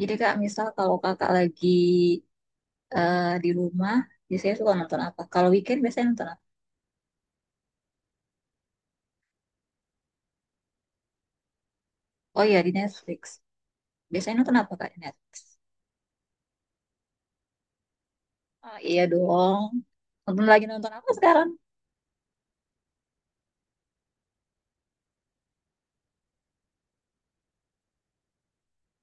Jadi kak, misal kalau kakak lagi eh, di rumah, biasanya suka nonton apa? Kalau weekend biasanya nonton apa? Oh iya, di Netflix. Biasanya nonton apa kak di Netflix? Ah iya dong. Lagi nonton apa sekarang?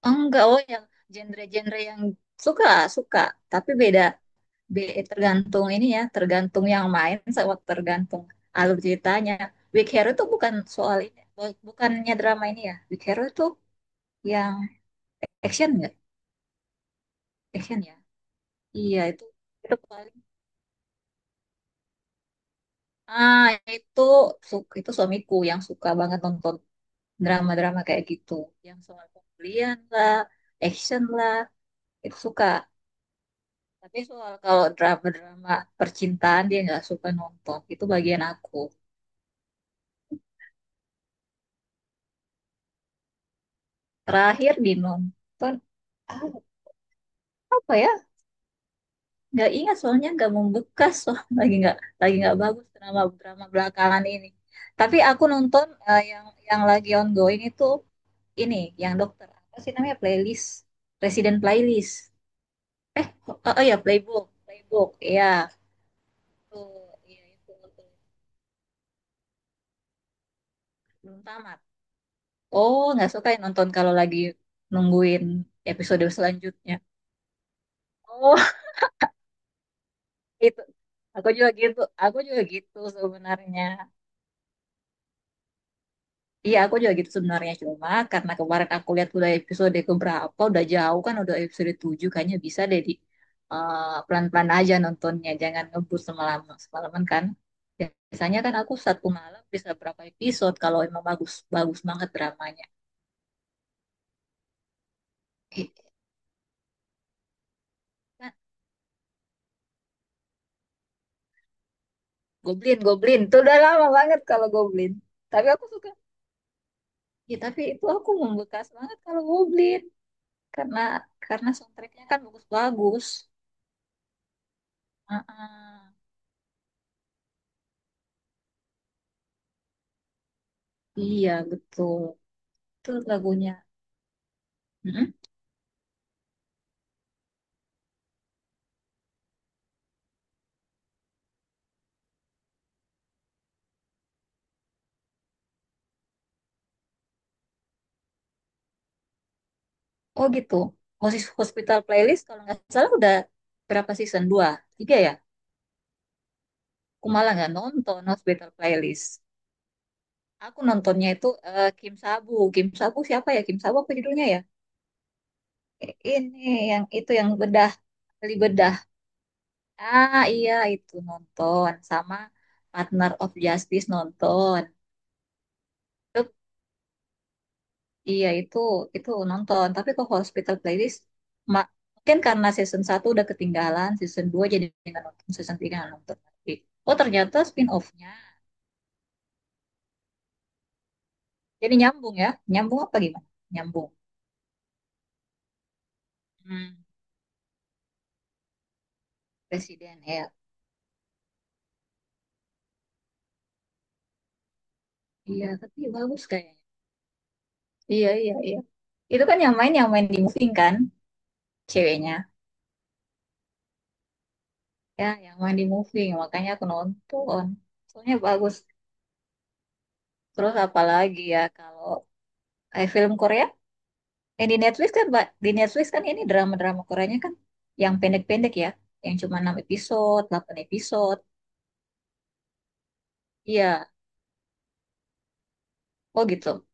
Enggak, oh yang genre-genre yang suka, suka. Tapi beda, tergantung ini ya, tergantung yang main sama tergantung alur ceritanya. Big Hero itu bukan soal ini, bukannya drama ini ya. Big Hero itu yang action nggak? Action ya? Iya, itu paling. Ah, itu itu suamiku yang suka banget nonton drama-drama kayak gitu, yang soal pembelian lah, action lah, itu suka. Tapi soal kalau drama-drama percintaan dia nggak suka nonton, itu bagian aku. Terakhir di nonton apa ya? Nggak ingat soalnya nggak membekas soal lagi nggak bagus drama-drama belakangan ini. Tapi aku nonton yang lagi ongoing itu ini, yang dokter apa sih namanya playlist, Resident Playlist. Oh ya playbook, playbook, iya. Tuh, iya itu tuh. Belum tamat. Oh, nggak suka ya nonton kalau lagi nungguin episode selanjutnya. Oh, itu. Aku juga gitu sebenarnya. Iya, aku juga gitu sebenarnya. Cuma karena kemarin aku lihat udah episode keberapa, udah jauh kan, udah episode 7, kayaknya bisa deh eh, pelan-pelan aja nontonnya, jangan ngebut semalaman, semalaman kan. Biasanya kan aku satu malam bisa berapa episode kalau emang bagus, bagus banget dramanya. I- Goblin, Goblin. Itu udah lama banget kalau Goblin. Tapi aku suka. Ya, tapi itu aku membekas banget kalau Goblin. Karena karena soundtracknya kan bagus-bagus. Heeh. Iya, betul. Itu lagunya. Mm-mm. Oh gitu. Hospital Playlist kalau nggak salah udah berapa season? Dua? Tiga ya? Aku malah nggak nonton Hospital Playlist. Aku nontonnya itu Kim Sabu. Kim Sabu siapa ya? Kim Sabu apa judulnya ya? Ini yang itu yang bedah, beli bedah. Ah iya itu nonton sama Partner of Justice nonton. Itu, iya itu nonton. Tapi kok Hospital Playlist mungkin karena season satu udah ketinggalan, season 2 jadi nggak nonton, season 3 nggak nonton lagi. Oh ternyata spin-off-nya. Jadi nyambung ya. Nyambung apa gimana? Nyambung. Hmm, Presiden ya. Iya, tapi bagus kayaknya. Iya, iya, iya. Itu kan yang main di moving kan ceweknya. Ya, yang main di moving. Makanya aku nonton. Soalnya bagus. Terus apalagi ya kalau film Korea, di Netflix kan, Mbak, di Netflix kan ini drama-drama Koreanya kan yang pendek-pendek ya, yang cuma 6 episode, delapan episode. Iya, oh gitu.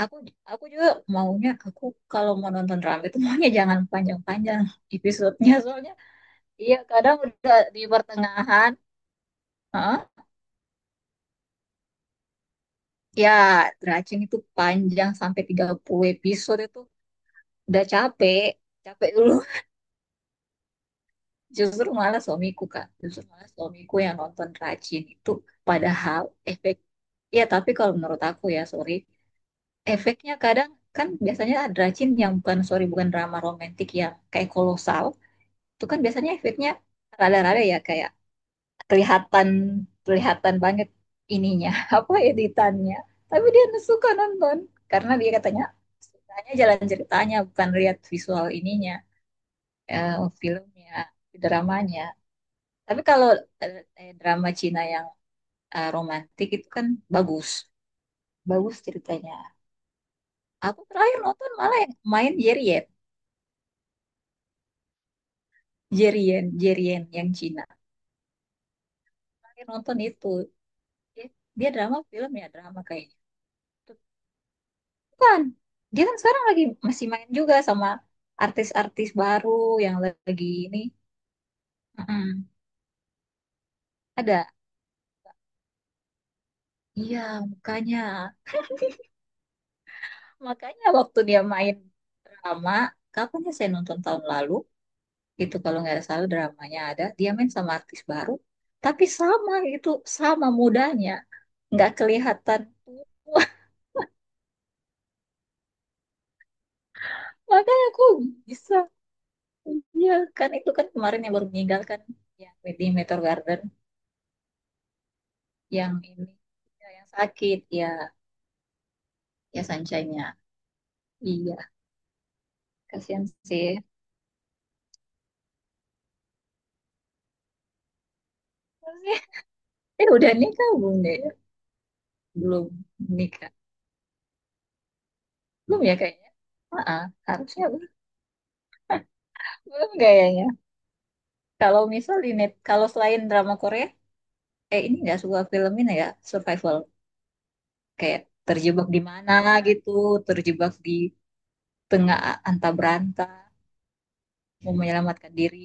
Aku aku juga maunya aku kalau mau nonton drama itu maunya jangan panjang-panjang episodenya soalnya iya kadang udah di pertengahan, heeh, ya Dracing itu panjang sampai 30 episode itu udah capek, capek dulu. Justru malah suamiku Kak, justru malah suamiku yang nonton rajin itu padahal efek ya tapi kalau menurut aku ya sorry, efeknya kadang kan biasanya ada rajin yang bukan sorry bukan drama romantik yang kayak kolosal, itu kan biasanya efeknya rada-rada ya kayak kelihatan kelihatan banget ininya apa editannya. Tapi dia suka nonton karena dia katanya sukanya jalan ceritanya bukan lihat visual ininya eh, filmnya, dramanya. Tapi kalau drama Cina yang romantis itu kan bagus, bagus ceritanya. Aku terakhir nonton malah yang main Jerien, Jerien, Jerien yang Cina. Terakhir nonton itu, dia, dia drama film ya drama kayaknya. Bukan, dia kan sekarang lagi masih main juga sama artis-artis baru yang lagi ini. Mm-mm. Ada, iya makanya, makanya waktu dia main drama, kapan ya saya nonton tahun lalu? Itu kalau nggak salah dramanya ada dia main sama artis baru tapi sama itu sama mudanya nggak kelihatan tua. Makanya aku bisa, iya kan itu kan kemarin yang baru meninggal kan yang di Meteor Garden yang ini ya, yang sakit ya ya Sunshine-nya iya kasihan sih. Udah nikah belum deh belum nikah belum ya kayaknya. Ah, ah, harusnya belum belum kayaknya. Kalau misal di net kalau selain drama Korea ini ya sebuah film ini ya survival kayak terjebak di mana gitu terjebak di tengah antah beranta mau menyelamatkan diri.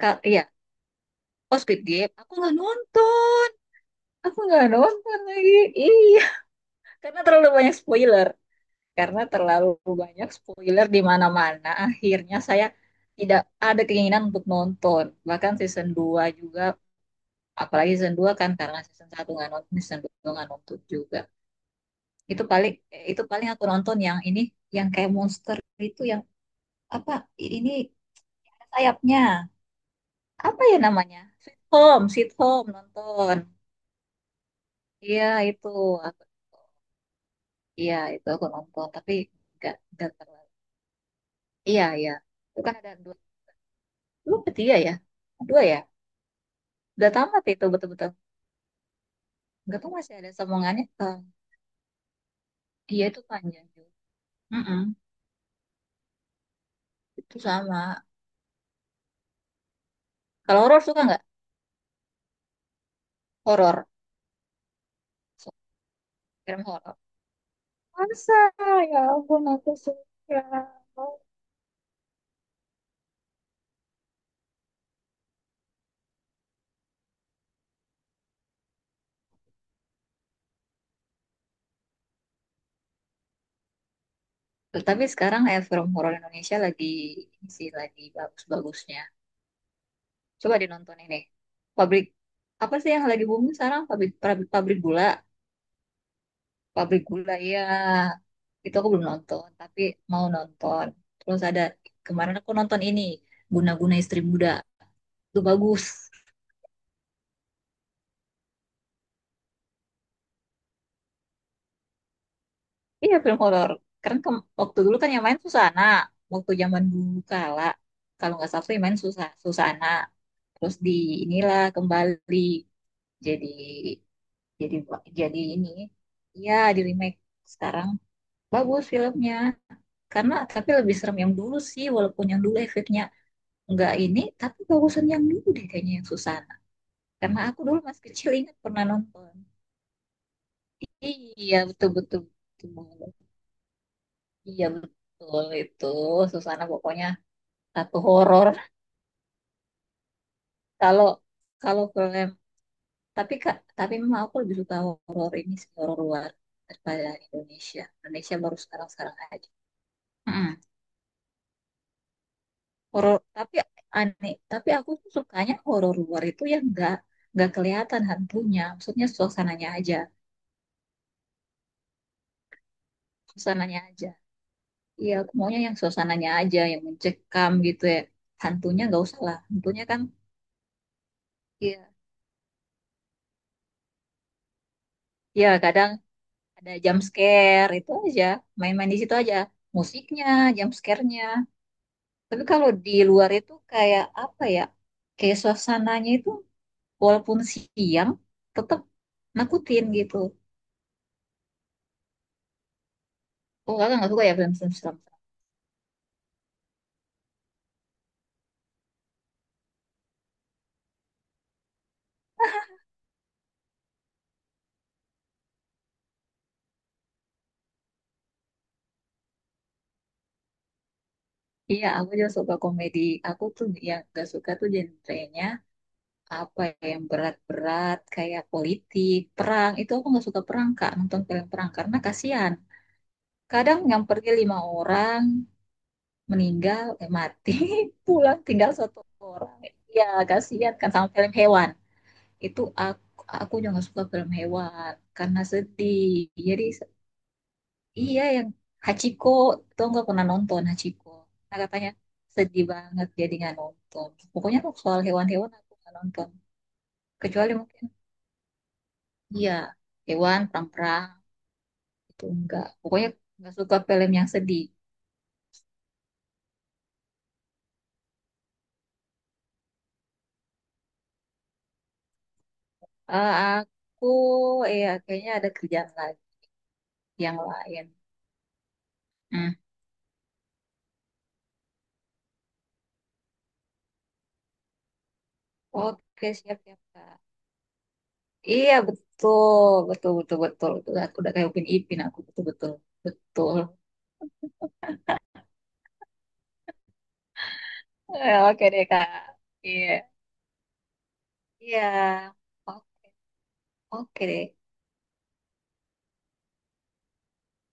Kak, iya oh Squid Game aku nggak nonton lagi iya karena terlalu banyak spoiler karena terlalu banyak spoiler di mana-mana akhirnya saya tidak ada keinginan untuk nonton bahkan season 2 juga apalagi season 2 kan karena season satu nggak nonton season 2 nggak nonton juga. Itu paling itu paling aku nonton yang ini yang kayak monster itu yang apa ini ada sayapnya. Apa ya namanya? Sweet Home, Sweet Home nonton. Iya itu aku iya itu aku nonton tapi nggak terlalu. Iya iya. Itu kan ada dua. Lu ketiga ya? Dua ya? Udah tamat itu betul-betul. Nggak tahu masih ada sambungannya. Iya itu panjang juga. Mm-mm, itu sama. Kalau horor suka nggak? Horor. Suka Film horor. Masa? Ya ampun aku suka. Tapi sekarang film horor Indonesia lagi ini sih lagi bagus-bagusnya. Coba dinonton ini. Pabrik apa sih yang lagi booming sekarang? Pabrik pabrik, pabrik gula ya. Itu aku belum nonton, tapi mau nonton. Terus ada kemarin aku nonton ini Guna-guna Istri Muda. Itu bagus. Iya film horor. Karena waktu dulu kan yang main Susana. Waktu zaman dulu kala kalau nggak salah tuh yang main Susana. Terus di inilah kembali jadi jadi jadi ini ya di remake sekarang bagus filmnya karena tapi lebih serem yang dulu sih walaupun yang dulu efeknya nggak ini tapi bagusan yang dulu deh kayaknya yang Susana karena aku dulu masih kecil ingat pernah nonton iya betul betul, betul banget. Iya betul itu Susana pokoknya satu horor kalau kalau film tapi kak tapi memang aku lebih suka horor ini sih horor luar daripada Indonesia Indonesia baru sekarang sekarang aja horor tapi aneh tapi aku tuh sukanya horor luar itu yang nggak kelihatan hantunya maksudnya suasananya aja iya aku maunya yang suasananya aja yang mencekam gitu ya hantunya nggak usah lah hantunya kan iya iya kadang ada jump scare itu aja main-main di situ aja musiknya jump scare-nya tapi kalau di luar itu kayak apa ya kayak suasananya itu walaupun siang tetap nakutin gitu. Oh, kakak nggak suka ya film-film seram? Iya, aku juga suka komedi. Aku tuh yang gak suka tuh genrenya apa ya, yang berat-berat kayak politik, perang. Itu aku gak suka perang, Kak, nonton film perang karena kasihan. Kadang yang pergi lima orang meninggal, eh, mati, pulang tinggal satu orang. Ya, kasihan kan sama film hewan. Itu aku juga gak suka film hewan karena sedih. Jadi iya, yang Hachiko itu nggak pernah nonton Hachiko. Nah, katanya sedih banget dia nggak nonton. Pokoknya tuh soal hewan-hewan aku nggak nonton. Kecuali mungkin iya hewan perang-perang itu enggak. Pokoknya nggak suka film yang sedih. Eh, aku ya kayaknya ada kerjaan lagi yang lain. Hmm. Oke siap siap Kak. Iya betul betul betul betul. Betul. Aku udah kayak Upin Ipin aku betul betul betul. Eh, oke deh Kak. Iya. Iya. Oke. Oke,